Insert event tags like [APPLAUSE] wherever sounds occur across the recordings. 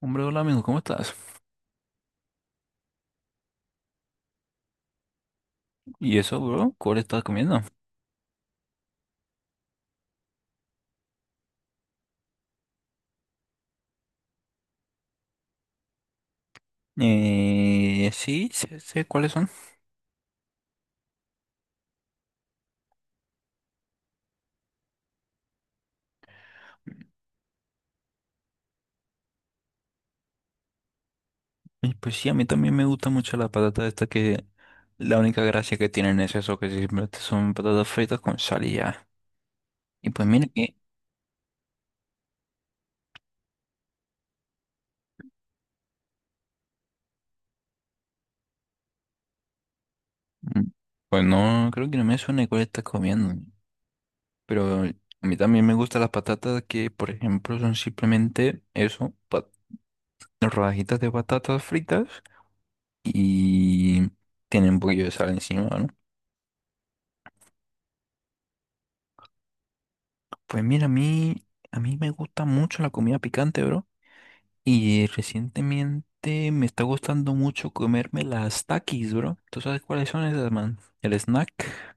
Hombre, hola amigo, ¿cómo estás? ¿Y eso, bro? ¿Cuál estás comiendo? Sí, sé cuáles son. Pues sí, a mí también me gusta mucho la patata esta que la única gracia que tienen es eso, que simplemente son patatas fritas con sal y ya. Y pues mira que, mm, pues no, creo que no me suena cuál estás comiendo. Pero a mí también me gustan las patatas que, por ejemplo, son simplemente eso, rodajitas de patatas fritas y tienen un poquillo de sal encima, ¿no? Pues mira, a mí me gusta mucho la comida picante, bro. Y recientemente me está gustando mucho comerme las Takis, bro. ¿Tú sabes cuáles son esas, man? El snack.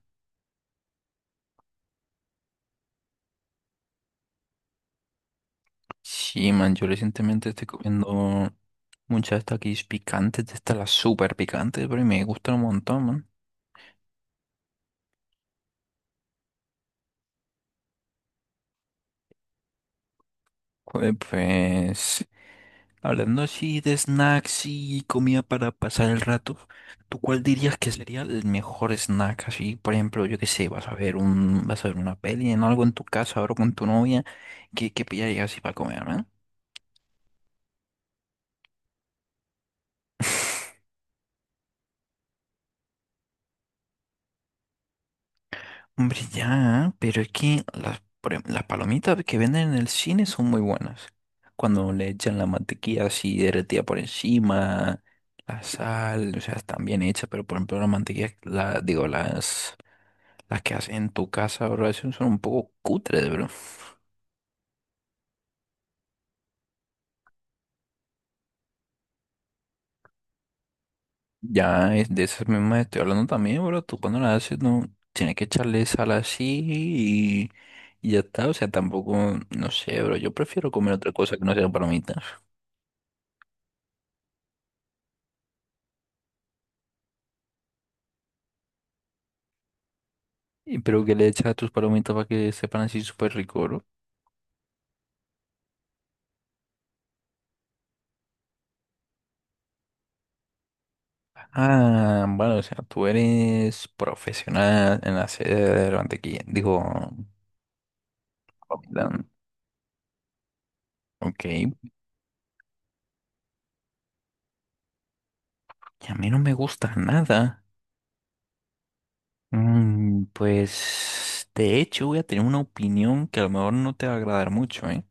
Sí, man, yo recientemente estoy comiendo muchas Takis picantes, de estas las súper picantes, bro, y me gustan un montón, man. Pues, pues, Hablando así de snacks y comida para pasar el rato, ¿tú cuál dirías que sería el mejor snack? Así, por ejemplo, yo qué sé, vas a ver vas a ver una peli en algo en tu casa, ahora con tu novia, ¿qué pillarías así para comer, ¿no? [LAUGHS] Hombre, ya, pero es que por ejemplo, las palomitas que venden en el cine son muy buenas. Cuando le echan la mantequilla así derretida por encima, la sal, o sea, están bien hechas, pero por ejemplo la mantequilla, digo, las que hacen en tu casa, bro, esas son un poco cutres, bro. Ya es de esas mismas estoy hablando también, bro. Tú cuando las haces, no, tienes que echarle sal así y ya está. O sea, tampoco, no sé, bro. Yo prefiero comer otra cosa que no sean palomitas. Y pero que le echas a tus palomitas para que sepan así súper rico, bro. Ah, bueno, o sea, tú eres profesional en la sede de la mantequilla. Digo, palomitas. Ok, y a mí no me gusta nada. Pues de hecho voy a tener una opinión que a lo mejor no te va a agradar mucho, ¿eh?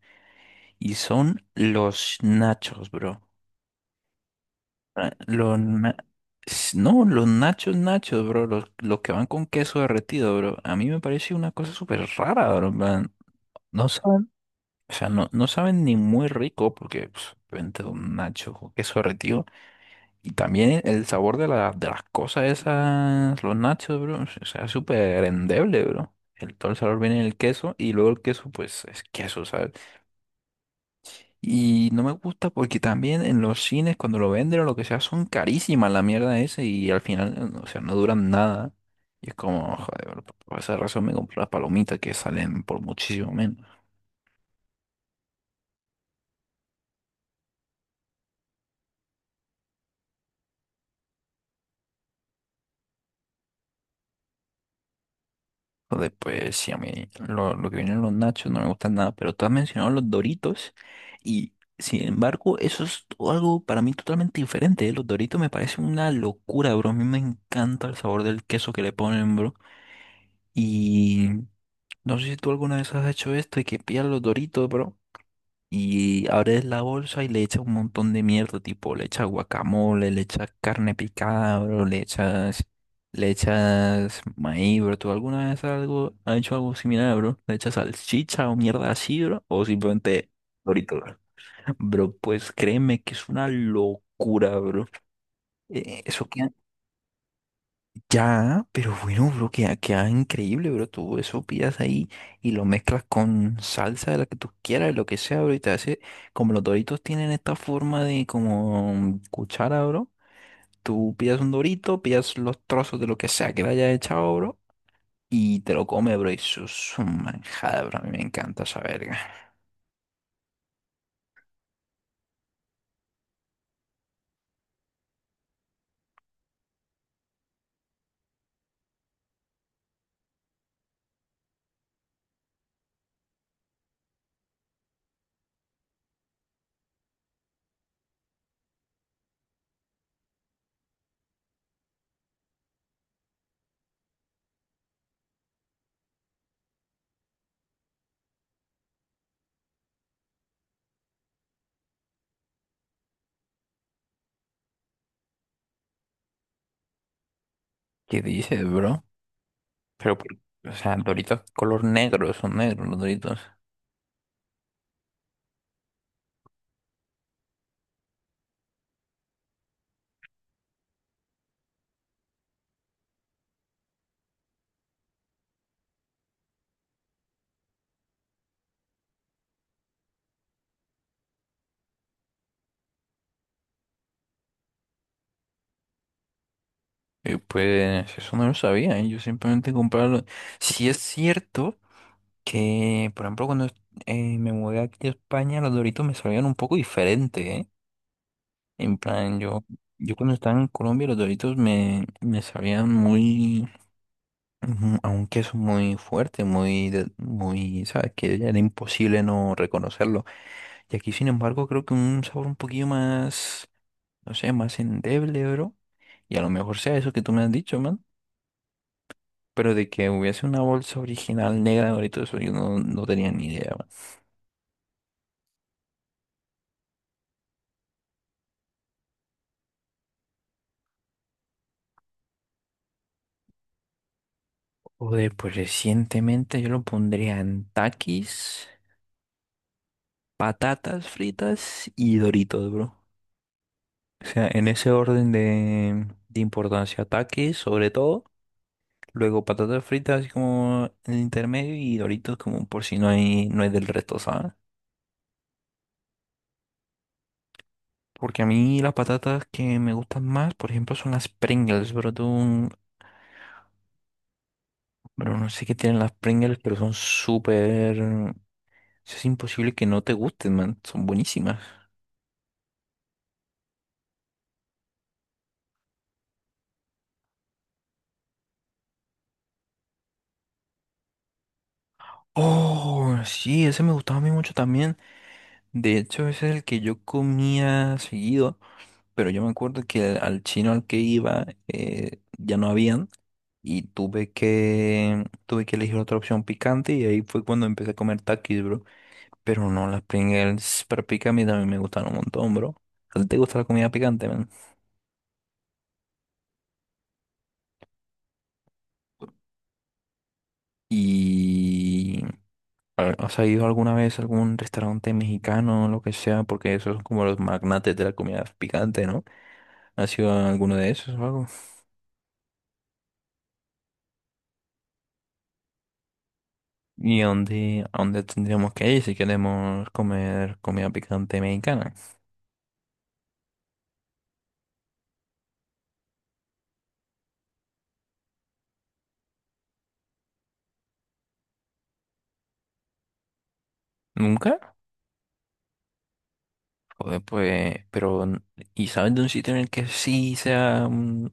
Y son los nachos, bro. Ah, no, los nachos nachos, bro. Los que van con queso derretido, bro. A mí me parece una cosa súper rara, bro. En plan, no saben, o sea, no saben ni muy rico porque pues, obviamente un nacho con queso derretido. Y también el sabor de las cosas esas, los nachos, bro, o sea, es súper endeble, bro. El, todo el sabor viene en el queso y luego el queso, pues, es queso, ¿sabes? Y no me gusta porque también en los cines, cuando lo venden o lo que sea, son carísimas la mierda esa y al final, o sea, no duran nada. Y es como, joder, bro, por esa razón me compro las palomitas que salen por muchísimo menos. Joder, pues sí, a mí lo que vienen los nachos no me gustan nada, pero tú has mencionado los Doritos y sin embargo eso es algo para mí totalmente diferente, ¿eh? Los Doritos me parecen una locura, bro. A mí me encanta el sabor del queso que le ponen, bro. Y no sé si tú alguna vez has hecho esto y que pillas los Doritos, bro. Y abres la bolsa y le echas un montón de mierda, tipo, le echas guacamole, le echas carne picada, bro, le echas maíz, bro. ¿Tú has hecho algo similar, bro? ¿Le echas salchicha o mierda así, bro? ¿O simplemente Doritos? [LAUGHS] Bro, pues créeme que es una locura, bro. Eh, eso, ya, pero bueno, bro, queda increíble, bro. Tú eso pidas ahí y lo mezclas con salsa de la que tú quieras, de lo que sea, bro. Y te hace, como los doritos tienen esta forma de como cuchara, bro. Tú pidas un dorito, pidas los trozos de lo que sea que le haya echado, bro. Y te lo comes, bro. Y eso es un manjada, bro. A mí me encanta esa verga. ¿Qué dices, bro? Pero, por- o sea, doritos color negro, son negros los doritos. Y pues, eso no lo sabía, ¿eh? Yo simplemente compraba los... Si es cierto. Que, por ejemplo, cuando me mudé aquí a España, los Doritos me sabían un poco diferente, ¿eh? En plan, yo cuando estaba en Colombia, me sabían muy, ujú, a un queso muy fuerte, muy, ¿sabes? Que era imposible no reconocerlo. Y aquí, sin embargo, creo que un sabor un poquillo más, no sé, más endeble, bro. Y a lo mejor sea eso que tú me has dicho, man. Pero de que hubiese una bolsa original negra de Doritos, eso yo no tenía ni idea. Joder, pues recientemente yo lo pondría en taquis, patatas fritas y Doritos, bro. O sea, en ese orden de importancia, taquis sobre todo, luego patatas fritas como en el intermedio y Doritos como por si no hay del resto, ¿sabes? Porque a mí las patatas que me gustan más, por ejemplo, son las Pringles, bro. Tú, bro, no sé qué tienen las Pringles, pero son súper... Es imposible que no te gusten, man. Son buenísimas. Oh, sí, ese me gustaba a mí mucho también. De hecho, ese es el que yo comía seguido, pero yo me acuerdo que al chino al que iba ya no habían y tuve que elegir otra opción picante y ahí fue cuando empecé a comer takis, bro. Pero no, las Pringles para pica a mí también me gustan un montón, bro. ¿A ti te gusta la comida picante, man? Y a ¿has ido alguna vez a algún restaurante mexicano o lo que sea? Porque esos son como los magnates de la comida picante, ¿no? ¿Ha sido alguno de esos o algo? ¿Y a a dónde tendríamos que ir si queremos comer comida picante mexicana? ¿Nunca? Joder, ¿y sabes de un sitio en el que sí sea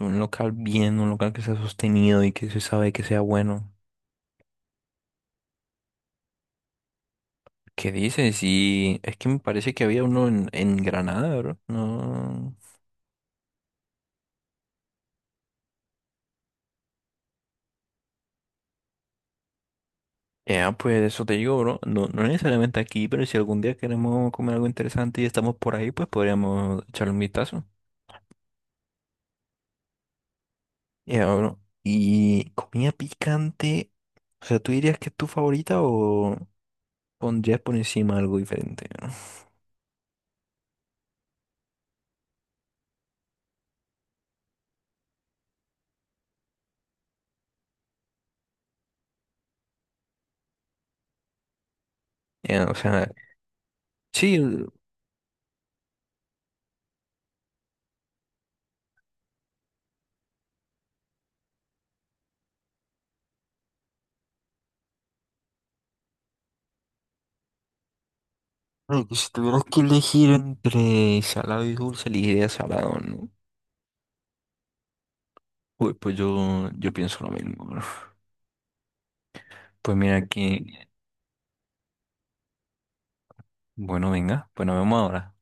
un local bien, un local que sea sostenido y que se sabe que sea bueno? ¿Qué dices? Y es que me parece que había uno en Granada, bro. No. Ya, pues eso te digo, bro. No, no necesariamente aquí, pero si algún día queremos comer algo interesante y estamos por ahí, pues podríamos echarle un vistazo. Ya, bro. Y comida picante, o sea, ¿tú dirías que es tu favorita o pondrías por encima algo diferente? ¿No? Ya, o sea, sí, bueno, que si tuvieras que elegir entre salado y dulce, elegiría salado, ¿no? Pues, yo pienso lo mismo, bro. Pues mira que, bueno, venga, pues nos vemos ahora.